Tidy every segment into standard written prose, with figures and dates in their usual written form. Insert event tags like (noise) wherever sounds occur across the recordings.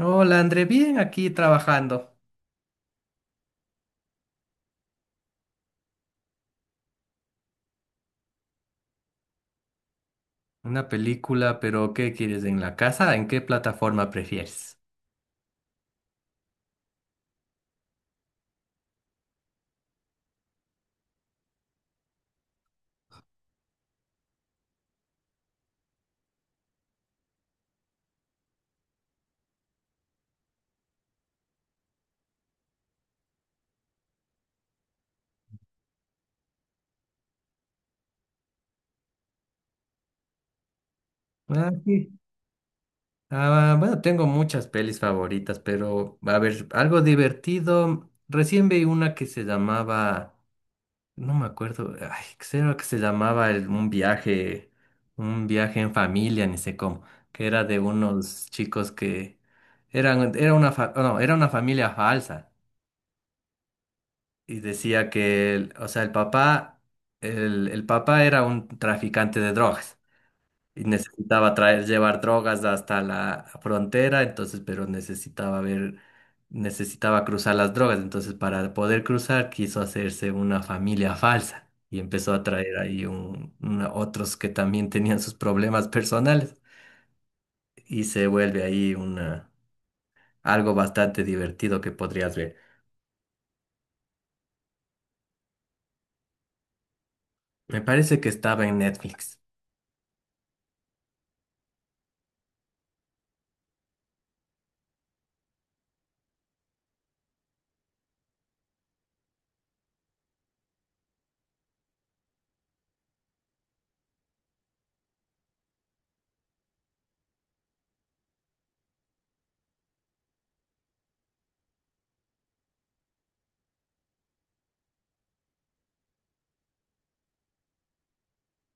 Hola André, bien aquí trabajando. Una película, pero ¿qué quieres en la casa? ¿En qué plataforma prefieres? Ah, sí. Ah, bueno, tengo muchas pelis favoritas, pero a ver, algo divertido. Recién vi una que se llamaba, no me acuerdo, ay, ¿qué era que se llamaba un viaje en familia, ni sé cómo, que era de unos chicos que era una, fa- no, era una familia falsa. Y decía que, o sea, el papá, el papá era un traficante de drogas y necesitaba traer, llevar drogas hasta la frontera, entonces, pero necesitaba ver, necesitaba cruzar las drogas, entonces para poder cruzar quiso hacerse una familia falsa y empezó a traer ahí otros que también tenían sus problemas personales y se vuelve ahí una, algo bastante divertido que podrías ver. Me parece que estaba en Netflix.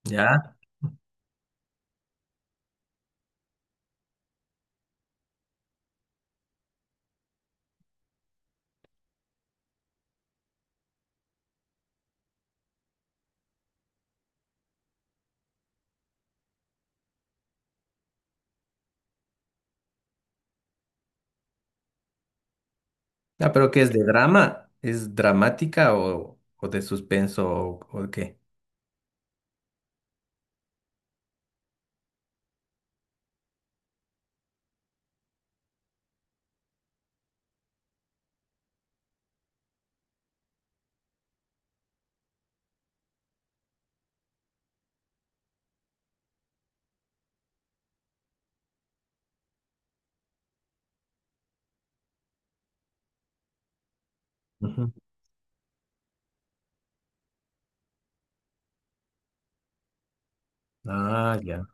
¿Ya? Ah, pero ¿qué es de drama? ¿Es dramática o de suspenso o qué? Ujú. Ah, ya.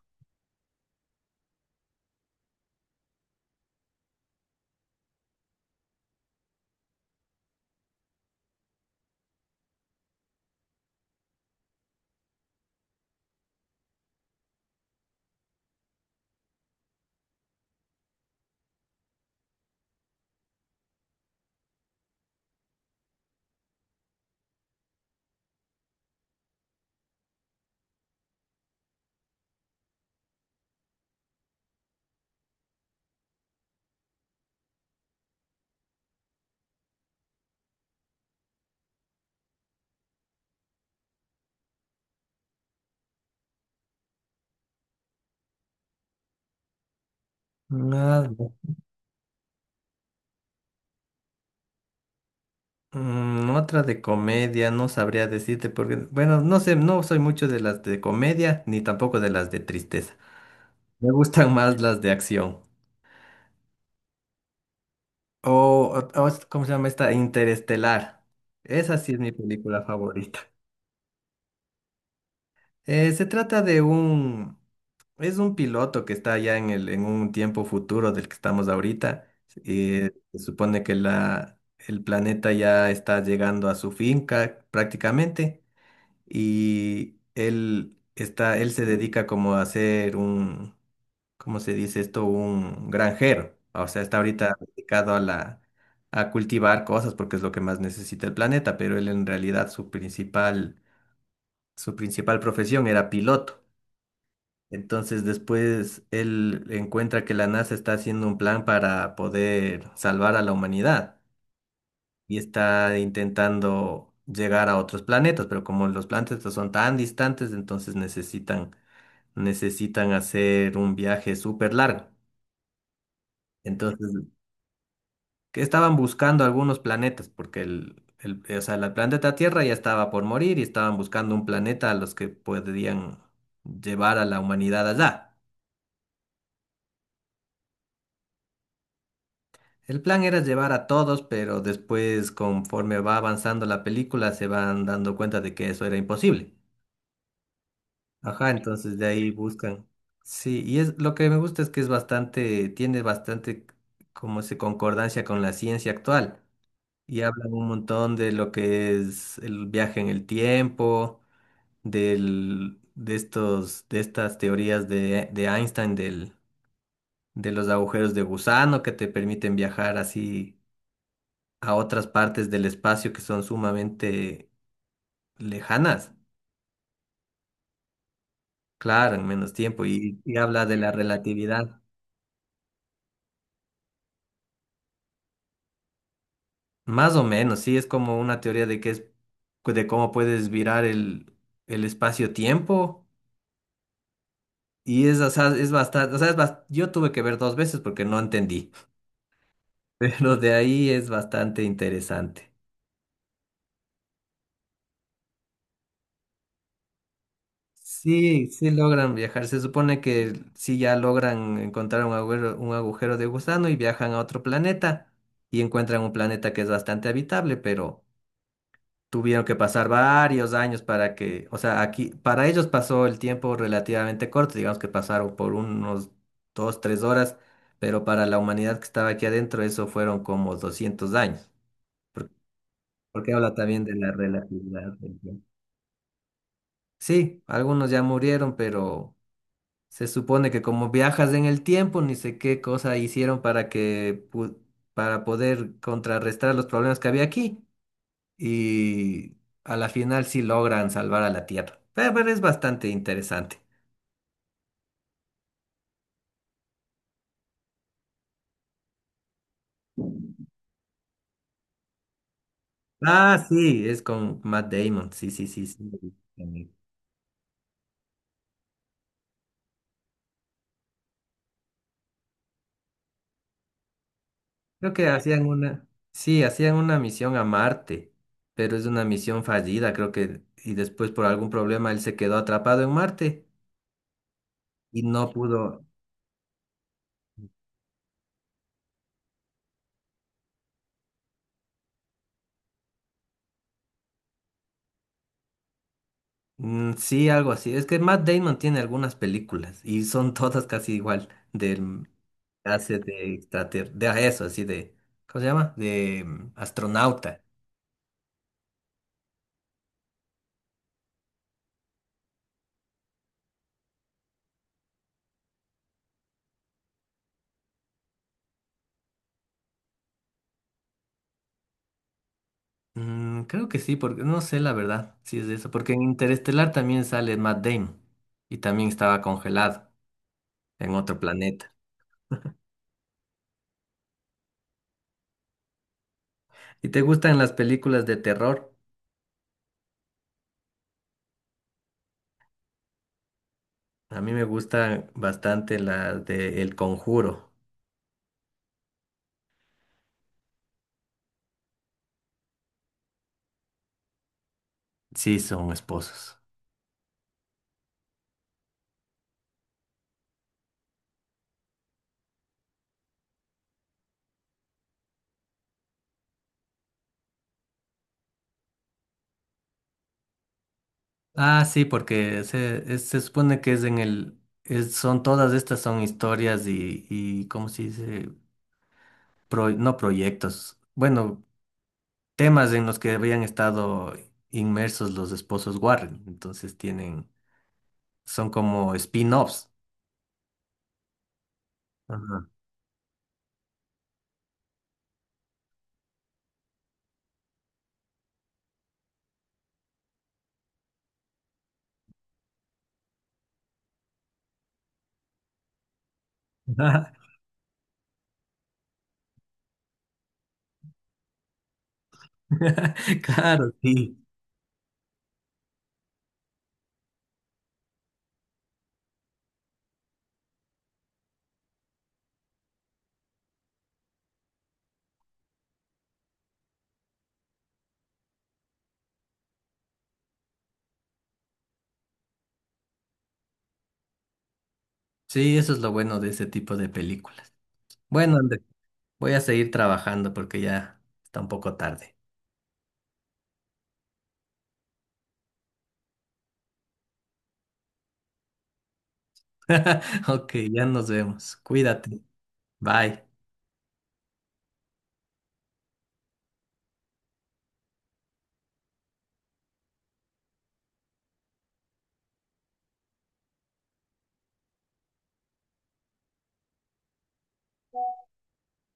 Ah, ya. Mm, otra de comedia, no sabría decirte porque, bueno, no sé, no soy mucho de las de comedia ni tampoco de las de tristeza. Me gustan más las de acción. O, ¿Cómo se llama esta? Interestelar. Esa sí es mi película favorita. Se trata de un... Es un piloto que está ya en un tiempo futuro del que estamos ahorita. Ujú. Se supone que el planeta ya está llegando a su finca prácticamente y él está, él se dedica como a ser un, ¿cómo se dice esto? Un granjero. O sea, está ahorita dedicado a la, a cultivar cosas porque es lo que más necesita el planeta, pero él en realidad su principal profesión era piloto. Entonces después él encuentra que la NASA está haciendo un plan para poder salvar a la humanidad y está intentando llegar a otros planetas, pero como los planetas son tan distantes, entonces necesitan, necesitan hacer un viaje súper largo. Entonces, que estaban buscando algunos planetas porque o sea, el planeta Tierra ya estaba por morir y estaban buscando un planeta a los que podrían llevar a la humanidad allá. El plan era llevar a todos, pero después, conforme va avanzando la película, se van dando cuenta de que eso era imposible. Ajá, entonces de ahí buscan. Sí, y es lo que me gusta es que es bastante, tiene bastante como se concordancia con la ciencia actual. Y hablan un montón de lo que es el viaje en el tiempo, de estos, de estas teorías de Einstein, del, de los agujeros de gusano que te permiten viajar así a otras partes del espacio que son sumamente lejanas, claro, en menos tiempo, y habla de la relatividad, más o menos, sí, es como una teoría de que es, de cómo puedes virar el espacio-tiempo, y es, o sea, es bastante, o sea, yo tuve que ver dos veces porque no entendí, (laughs) pero de ahí es bastante interesante. Sí, sí logran viajar. Se supone que sí ya logran encontrar un agujero de gusano y viajan a otro planeta y encuentran un planeta que es bastante habitable, pero tuvieron que pasar varios años para que, o sea, aquí para ellos pasó el tiempo relativamente corto, digamos que pasaron por unos 2, 3 horas, pero para la humanidad que estaba aquí adentro eso fueron como 200 años, por- porque, habla también de la relatividad del tiempo. Sí, algunos ya murieron, pero se supone que como viajas en el tiempo, ni sé qué cosa hicieron para que para poder contrarrestar los problemas que había aquí y a la final sí logran salvar a la Tierra. Pero es bastante interesante. Ah, sí, es con Matt Damon. Sí, sí, sí, sí. Creo que hacían una, sí, hacían una misión a Marte, pero es una misión fallida, creo que y después por algún problema él se quedó atrapado en Marte y no pudo. Mm, sí, algo así. Es que Matt Damon tiene algunas películas y son todas casi igual. Del hace de extrater, de a eso, así de, ¿cómo se llama? De mm, astronauta. Mm, creo que sí, porque no sé la verdad si es eso, porque en Interestelar también sale Matt Damon y también estaba congelado en otro planeta. ¿Y te gustan las películas de terror? A mí me gustan bastante las de El Conjuro. Sí, son esposos. Ah, sí, porque se, se supone que es en el, son todas estas son historias y ¿cómo se dice? No proyectos, bueno, temas en los que habían estado inmersos los esposos Warren, entonces tienen, son como spin-offs. Ajá. (laughs) Claro, sí. Sí, eso es lo bueno de ese tipo de películas. Bueno, André, voy a seguir trabajando porque ya está un poco tarde. (laughs) Ok, ya nos vemos. Cuídate. Bye.